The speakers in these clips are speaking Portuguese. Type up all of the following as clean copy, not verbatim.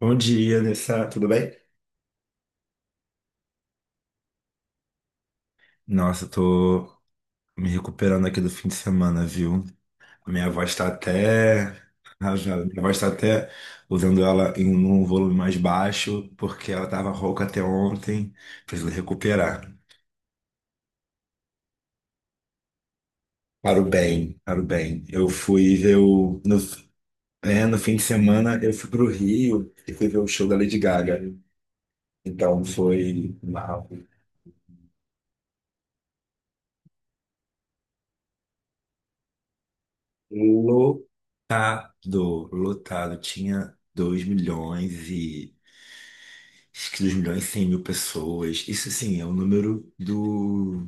Bom dia, Nessa. Tudo bem? Nossa, eu tô me recuperando aqui do fim de semana, viu? Minha voz tá até. Rasgada. Minha voz tá até usando ela em um volume mais baixo, porque ela tava rouca até ontem. Preciso recuperar. Para o bem, para o bem. Eu fui ver o. No fim de semana, eu fui pro Rio e fui ver o show da Lady Gaga. Então foi mal. Lotado, lotado. Tinha 2 milhões e. Acho que 2 milhões e 100 mil pessoas. Isso, sim é o número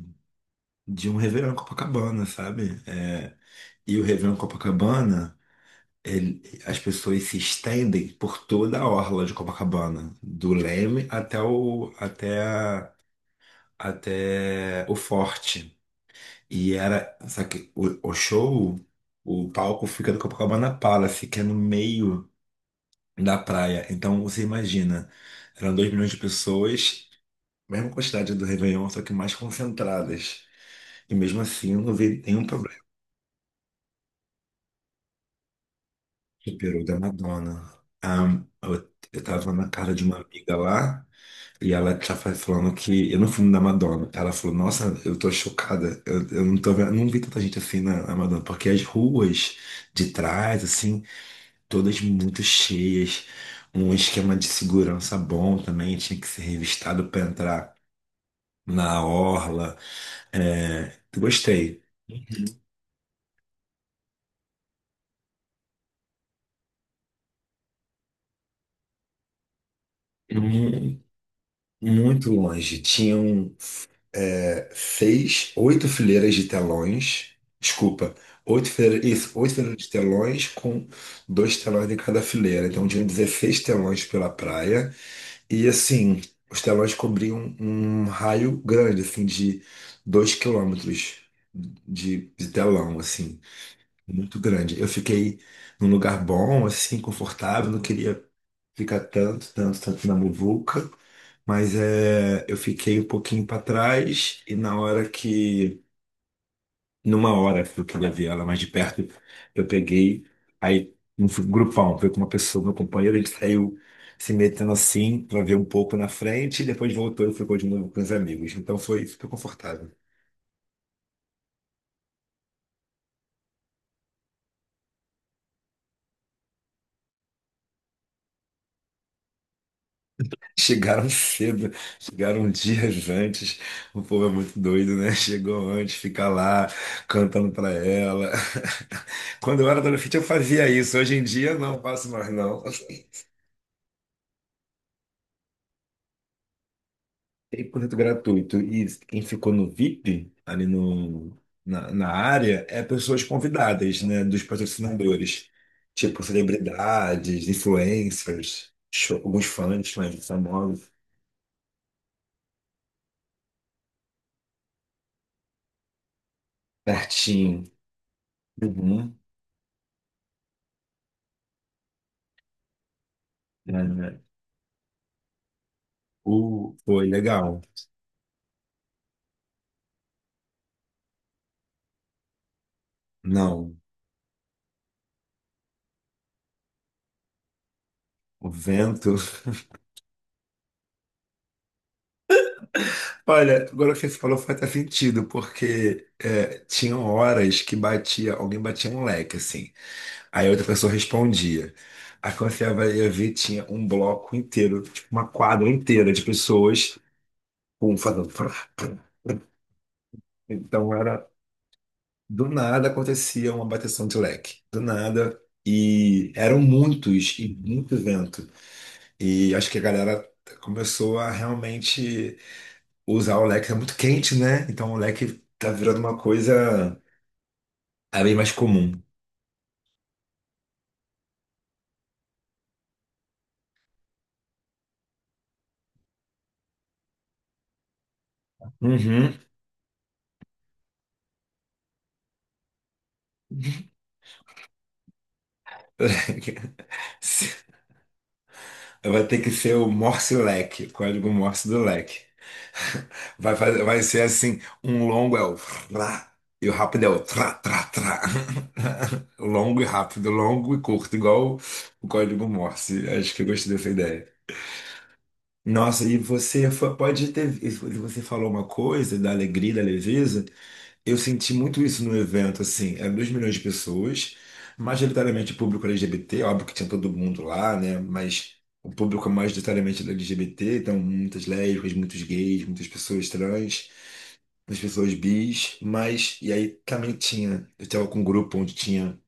de um Réveillon em Copacabana, sabe? É, e o Réveillon em Copacabana, as pessoas se estendem por toda a orla de Copacabana, do Leme até o Forte. E era, só que o show, o palco fica no Copacabana Palace, que é no meio da praia. Então, você imagina, eram 2 milhões de pessoas, mesma quantidade do Réveillon, só que mais concentradas. E mesmo assim eu não vi nenhum problema. Superou o da Madonna. Ah, eu tava na casa de uma amiga lá e ela tava falando que. Eu não fui no da Madonna. Ela falou, nossa, eu tô chocada. Eu não tô vendo, não vi tanta gente assim na Madonna, porque as ruas de trás, assim, todas muito cheias. Um esquema de segurança bom também, tinha que ser revistado para entrar na orla. É, gostei. mu- Muito longe. Tinham seis, oito fileiras de telões. Desculpa, oito fileiras, isso, oito fileiras de telões com dois telões em cada fileira. Então tinham 16 telões pela praia. E assim, os telões cobriam um raio grande, assim, de 2 quilômetros de telão, assim muito grande. Eu fiquei num lugar bom, assim, confortável, não queria ficar tanto, tanto, tanto na muvuca, mas eu fiquei um pouquinho para trás e na numa hora que eu queria ver ela mais de perto, eu peguei, aí um grupão, veio com uma pessoa, meu companheiro, ele saiu se metendo assim para ver um pouco na frente e depois voltou e ficou de novo com os amigos. Então foi, ficou confortável. Chegaram cedo, chegaram dias antes. O povo é muito doido, né? Chegou antes, fica lá cantando pra ela. Quando eu era adolescente, eu fazia isso. Hoje em dia, não faço mais, não. 100% gratuito. E quem ficou no VIP, ali no, na, na área, é pessoas convidadas, né? Dos patrocinadores. Tipo, celebridades, influencers, alguns fãs mais famosos. Pertinho. Uhum. O... Foi legal. Não, o vento. Olha, agora o que você falou faz até sentido, porque é, tinham horas que batia, alguém batia um leque, assim. Aí outra pessoa respondia. Aí quando ia ver, tinha um bloco inteiro, tipo uma quadra inteira de pessoas com fazendo. Frá, frá. Então era. Do nada acontecia uma bateção de leque. Do nada. E eram muitos, e muito vento. E acho que a galera começou a realmente. Usar o leque é muito quente, né? Então o leque tá virando uma coisa é bem mais comum. Uhum. Vai ter que ser o Morse leque, o código Morse do leque. Vai, fazer, vai ser assim, um longo é o tra, e o rápido é o tra, tra, tra. Longo e rápido, longo e curto, igual o código Morse. Acho que eu gostei dessa ideia. Nossa, e pode ter. E você falou uma coisa da alegria, da leveza. Eu senti muito isso no evento, assim, eram 2 milhões de pessoas, majoritariamente público LGBT, óbvio que tinha todo mundo lá, né? Mas o público é majoritariamente era LGBT, então muitas lésbicas, muitos gays, muitas pessoas trans, muitas pessoas bis, mas e aí também tinha, eu estava com um grupo onde tinha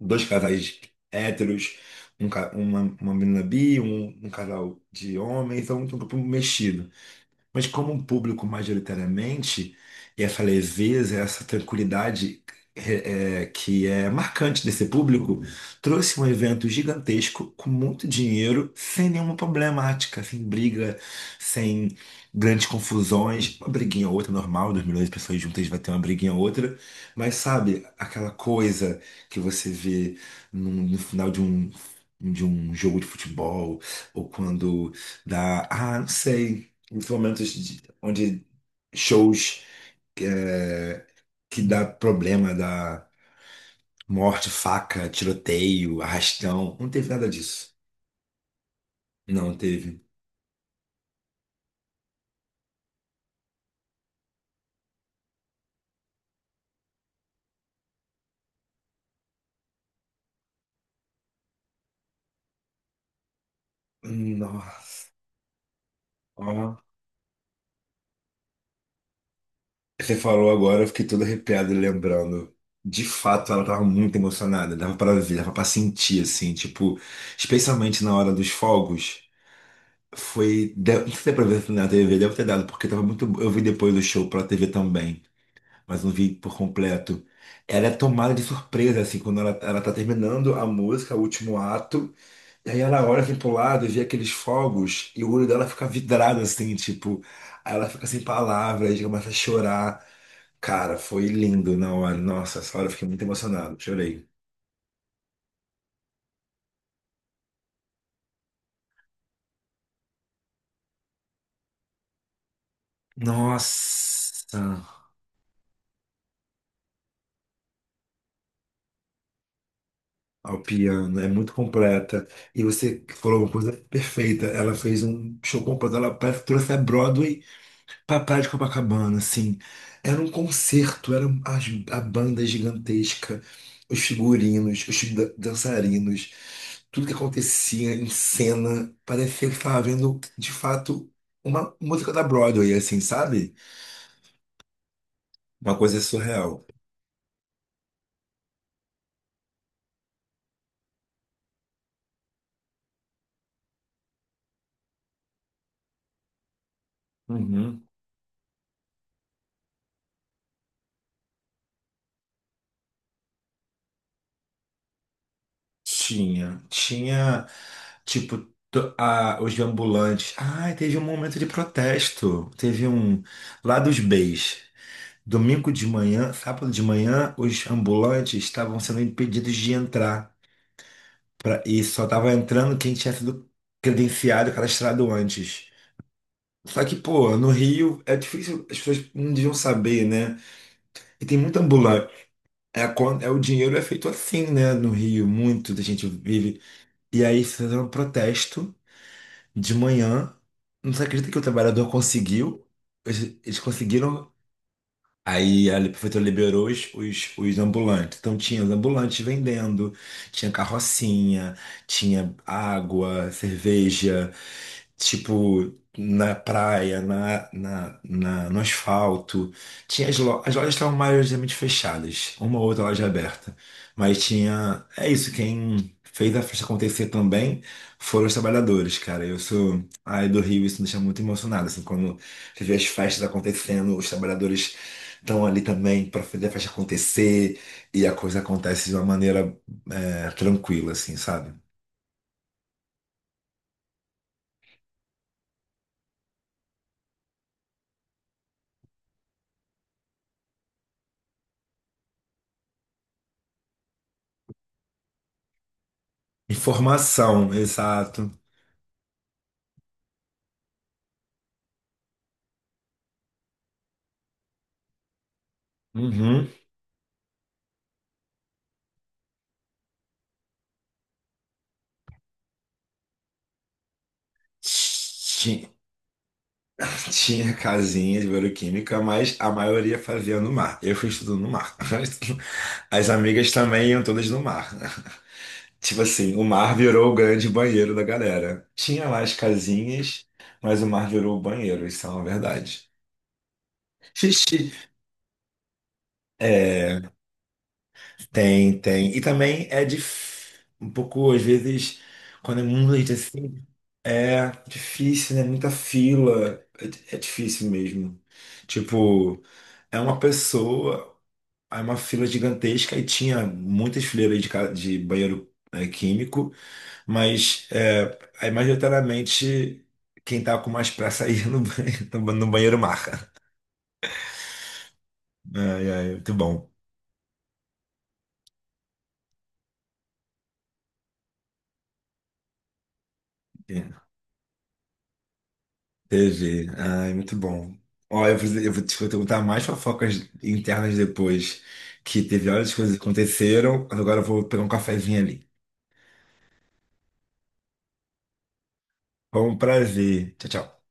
2 casais héteros, uma menina bi, um casal de homem, então um grupo mexido. Mas como um público majoritariamente, e essa leveza, essa tranquilidade que é marcante desse público, trouxe um evento gigantesco com muito dinheiro, sem nenhuma problemática, sem briga, sem grandes confusões, uma briguinha ou outra normal, 2 milhões de pessoas juntas vai ter uma briguinha ou outra, mas sabe, aquela coisa que você vê no final de um jogo de futebol, ou quando dá, ah, não sei. Muitos momentos onde shows é, que dá problema, dá morte, faca, tiroteio, arrastão. Não teve nada disso. Não teve. Nossa. Ó, você falou agora, eu fiquei todo arrepiado lembrando. De fato, ela tava muito emocionada, dava pra ver, dava pra sentir, assim, tipo, especialmente na hora dos fogos. Não sei se deu pra ver na TV, deve ter dado, porque tava muito. Eu vi depois do show pela TV também, mas não vi por completo. Ela é tomada de surpresa, assim, quando ela tá terminando a música, o último ato, e aí ela olha assim pro lado e vê aqueles fogos, e o olho dela fica vidrado, assim, tipo, aí ela fica sem palavras, e começa a chorar. Cara, foi lindo na hora. Nossa, essa hora eu fiquei muito emocionado, chorei. Nossa, ao piano, é muito completa. E você falou uma coisa perfeita. Ela fez um show completo, ela parece que trouxe a Broadway pra Praia de Copacabana, assim. Era um concerto, a banda gigantesca, os figurinos, dançarinos, tudo que acontecia em cena, parecia que estava vendo, de fato, uma música da Broadway, assim, sabe? Uma coisa surreal. Uhum. Tinha. Tinha, tipo, os ambulantes. Ai, teve um momento de protesto. Teve um. Lá dos B's. Domingo de manhã, sábado de manhã, os ambulantes estavam sendo impedidos de entrar. E só estava entrando quem tinha sido credenciado, cadastrado antes. Só que, pô, no Rio é difícil, as pessoas não deviam saber, né? E tem muita ambulante. O dinheiro é feito assim, né? No Rio, muito da gente vive. E aí fizeram um protesto de manhã. Não se acredita que o trabalhador conseguiu. Eles conseguiram. Aí a prefeitura liberou os ambulantes. Então tinha os ambulantes vendendo, tinha carrocinha, tinha água, cerveja, tipo, na praia, no asfalto. Tinha as lojas estavam majoritariamente fechadas, uma ou outra loja aberta. Mas tinha. É isso, quem fez a festa acontecer também foram os trabalhadores, cara. Eu sou. Ai, do Rio, isso me deixa muito emocionado, assim, quando você vê as festas acontecendo, os trabalhadores estão ali também para fazer a festa acontecer e a coisa acontece de uma maneira tranquila, assim, sabe? Informação, exato. Uhum. Tinha. Tinha casinha de bioquímica, mas a maioria fazia no mar. Eu fui estudando no mar. As amigas também iam todas no mar. Tipo assim, o mar virou o grande banheiro da galera. Tinha lá as casinhas, mas o mar virou o banheiro, isso é uma verdade. É, tem, tem. E também é dif... um pouco, às vezes, quando é muito leite assim, é difícil, né? Muita fila. É difícil mesmo. Tipo, é uma pessoa, é uma fila gigantesca e tinha muitas fileiras de banheiro químico, mas majoritariamente quem tá com mais pressa aí no banheiro, no banheiro marca. Ai, ai, muito bom. É. Teve. Ai, muito bom. Ó, eu vou te perguntar mais fofocas internas depois, que teve várias coisas que aconteceram. Agora eu vou pegar um cafezinho ali. Foi um prazer. Tchau, tchau.